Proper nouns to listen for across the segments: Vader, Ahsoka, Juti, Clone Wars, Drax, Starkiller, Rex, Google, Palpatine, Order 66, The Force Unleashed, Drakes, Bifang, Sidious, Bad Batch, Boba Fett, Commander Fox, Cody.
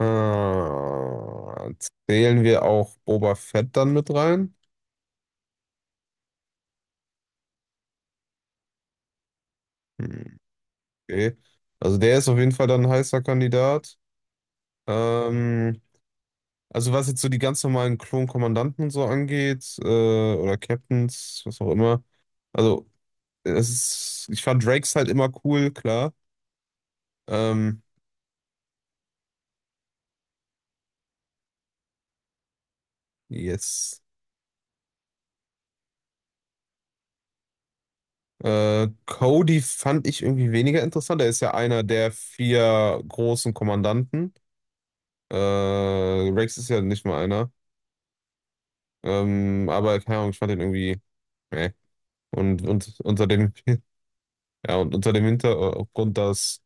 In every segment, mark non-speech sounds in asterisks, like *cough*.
Äh, Zählen wir auch Boba Fett dann mit rein? Hm, okay. Also der ist auf jeden Fall dann ein heißer Kandidat. Ähm, also was jetzt so die ganz normalen Klonkommandanten und so angeht, oder Captains, was auch immer. Also es ist, ich fand Drakes halt immer cool, klar. Ähm, yes. Cody fand ich irgendwie weniger interessant. Er ist ja einer der vier großen Kommandanten. Rex ist ja nicht mal einer. Aber keine Ahnung, ich fand den irgendwie. Nee. Und unter dem, *laughs* ja, und unter dem Hintergrund, dass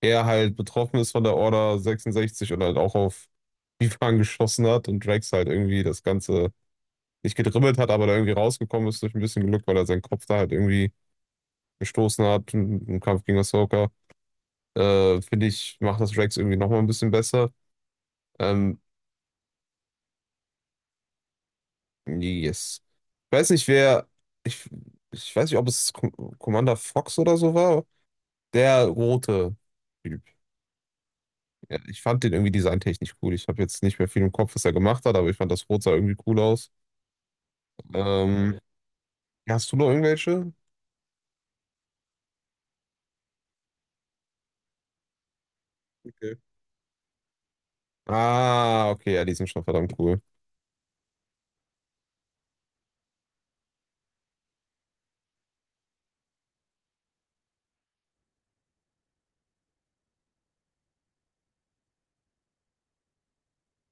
er halt betroffen ist von der Order 66 und halt auch auf Bifang geschossen hat, und Drax halt irgendwie das Ganze nicht gedribbelt hat, aber da irgendwie rausgekommen ist durch ein bisschen Glück, weil er seinen Kopf da halt irgendwie gestoßen hat im Kampf gegen Ahsoka. Finde ich, macht das Drax irgendwie nochmal ein bisschen besser. Ähm, yes. Ich weiß nicht, wer. Ich, Ich weiß nicht, ob es Commander Fox oder so war. Der rote Typ. Ja, ich fand den irgendwie designtechnisch cool. Ich habe jetzt nicht mehr viel im Kopf, was er gemacht hat, aber ich fand das Rot sah irgendwie cool aus. Ähm, ja, hast du noch irgendwelche? Okay. Ah, okay, ja, die sind schon verdammt cool.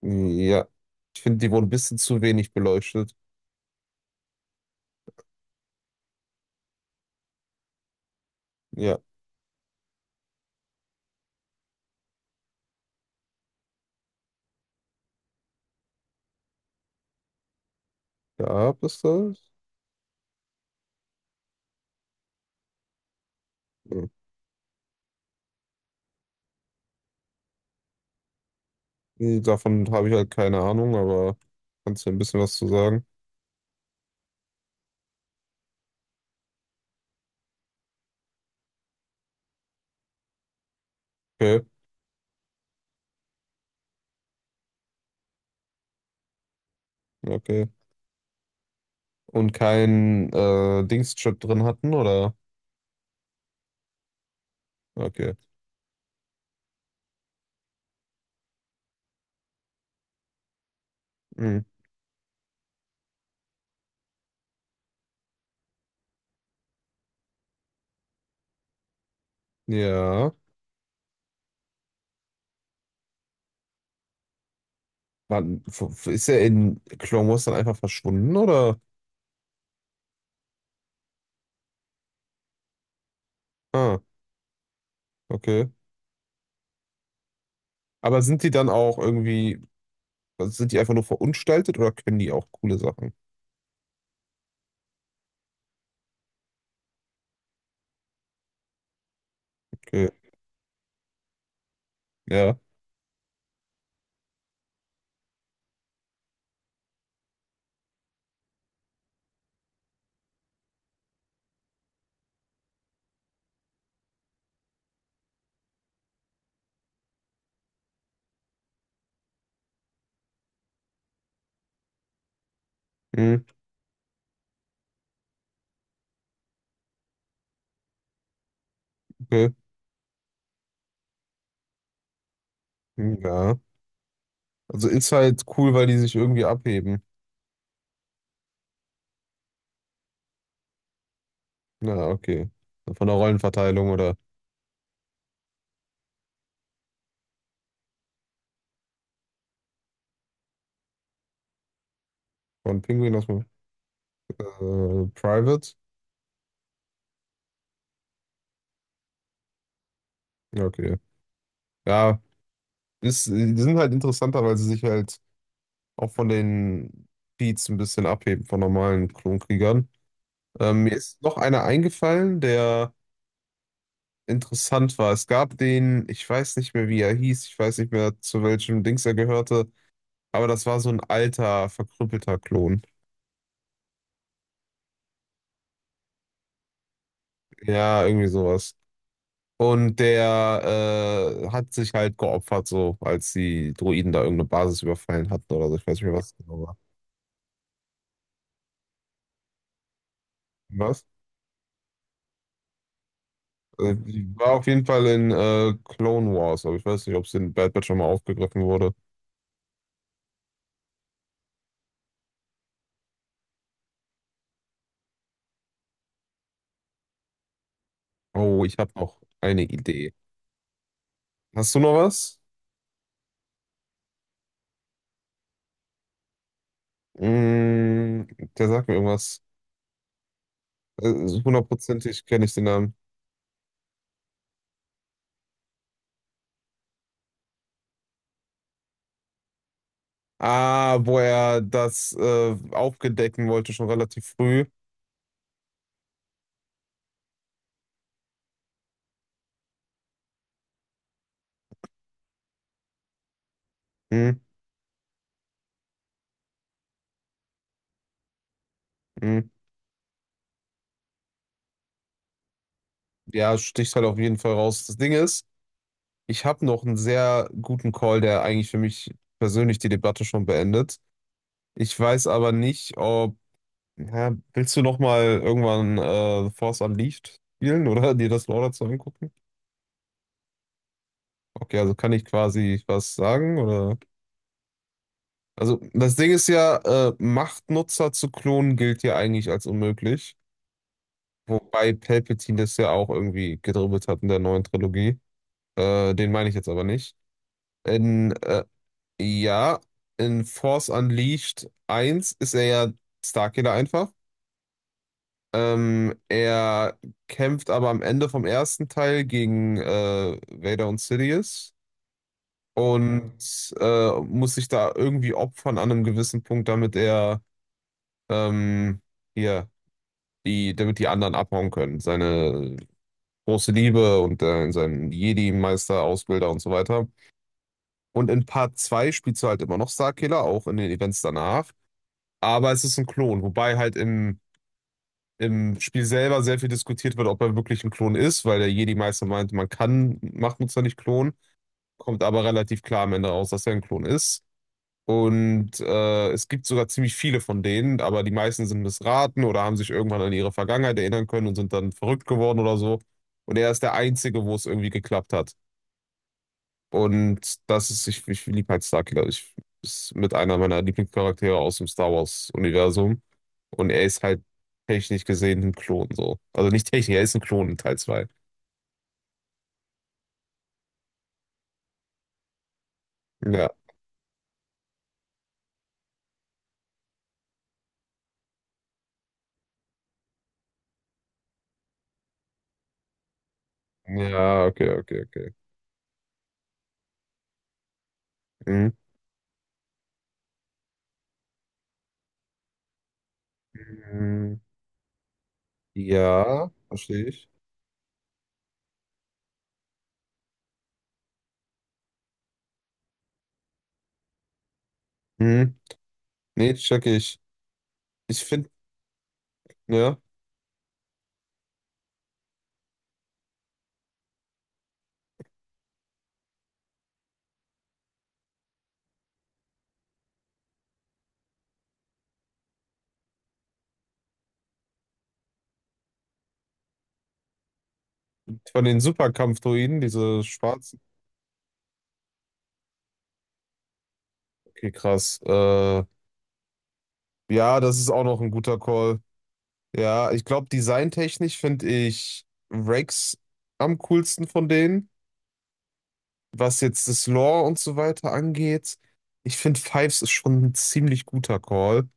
Ja. Ich finde, die wurden ein bisschen zu wenig beleuchtet. Ja, gab es das? Hm. Nee, davon habe ich halt keine Ahnung, aber kannst du ein bisschen was zu sagen? Okay, okay. Und kein Dingschip drin hatten, oder? Okay. Hm. Ja. Wann, ist er in Clone Wars dann einfach verschwunden, oder? Ah, okay. Aber sind die dann auch irgendwie, also sind die einfach nur verunstaltet oder können die auch coole Sachen? Okay, ja. Hm, okay. Hm, ja. Also ist halt cool, weil die sich irgendwie abheben. Na, okay. Also von der Rollenverteilung oder von Pinguin aus dem Private? Ja, okay. Ja, ist, die sind halt interessanter, weil sie sich halt auch von den Beats ein bisschen abheben, von normalen Klonkriegern. Mir ist noch einer eingefallen, der interessant war. Es gab den, ich weiß nicht mehr, wie er hieß, ich weiß nicht mehr, zu welchem Dings er gehörte, aber das war so ein alter, verkrüppelter Klon. Ja, irgendwie sowas. Und der hat sich halt geopfert, so als die Droiden da irgendeine Basis überfallen hatten oder so. Ich weiß nicht mehr, was es genau war. Was? Die war auf jeden Fall in Clone Wars, aber ich weiß nicht, ob es in Bad Batch schon mal aufgegriffen wurde. Oh, ich habe noch eine Idee. Hast du noch was? Mm, der sagt mir irgendwas. Hundertprozentig kenne ich den Namen. Ah, wo er das aufgedecken wollte, schon relativ früh. Hm, hm. Ja, sticht halt auf jeden Fall raus. Das Ding ist, ich habe noch einen sehr guten Call, der eigentlich für mich persönlich die Debatte schon beendet. Ich weiß aber nicht, ob. Ja, willst du noch mal irgendwann The Force Unleashed spielen oder *laughs* dir das Lore dazu angucken? Okay, also kann ich quasi was sagen oder? Also das Ding ist ja, Machtnutzer zu klonen gilt ja eigentlich als unmöglich. Wobei Palpatine das ja auch irgendwie gedribbelt hat in der neuen Trilogie. Den meine ich jetzt aber nicht. In, äh, ja, in Force Unleashed eins ist er ja Starkiller einfach. Er kämpft aber am Ende vom ersten Teil gegen Vader und Sidious und muss sich da irgendwie opfern an einem gewissen Punkt, damit er ähm, hier. Damit die anderen abhauen können. Seine große Liebe und seinen Jedi-Meister, Ausbilder und so weiter. Und in Part 2 spielst du halt immer noch Starkiller, auch in den Events danach. Aber es ist ein Klon, wobei halt im Spiel selber sehr viel diskutiert wird, ob er wirklich ein Klon ist, weil der Jedi-Meister meinte, man kann Machtnutzer nicht klonen, kommt aber relativ klar am Ende raus, dass er ein Klon ist. Und es gibt sogar ziemlich viele von denen, aber die meisten sind missraten oder haben sich irgendwann an ihre Vergangenheit erinnern können und sind dann verrückt geworden oder so. Und er ist der Einzige, wo es irgendwie geklappt hat. Und das ist, ich liebe halt Starkiller. Ich ist mit einer meiner Lieblingscharaktere aus dem Star Wars-Universum. Und er ist halt technisch gesehen ein Klon so. Also nicht technisch, er ist ein Klon in Teil 2. Ja. Ja, okay, okay, okay. Mhm. Mhm. Ja, verstehe ich. Mhm. Nee, check ich. Ich finde ja, von den Superkampfdroiden, diese schwarzen. Okay, krass. Ja, das ist auch noch ein guter Call. Ja, ich glaube, designtechnisch finde ich Rex am coolsten von denen. Was jetzt das Lore und so weiter angeht, ich finde Fives ist schon ein ziemlich guter Call.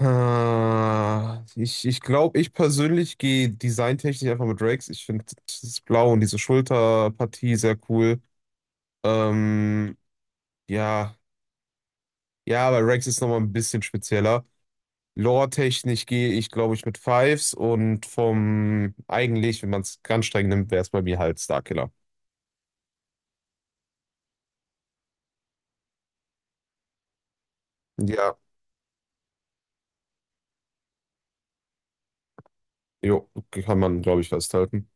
Ah, ich glaube, ich persönlich gehe designtechnisch einfach mit Rex. Ich finde das Blau und diese Schulterpartie sehr cool. Ähm, ja. Ja, aber Rex ist nochmal ein bisschen spezieller. Lore-technisch gehe ich, glaube ich, mit Fives und vom eigentlich, wenn man es ganz streng nimmt, wäre es bei mir halt Starkiller. Ja. Jo, kann man, glaube ich, festhalten.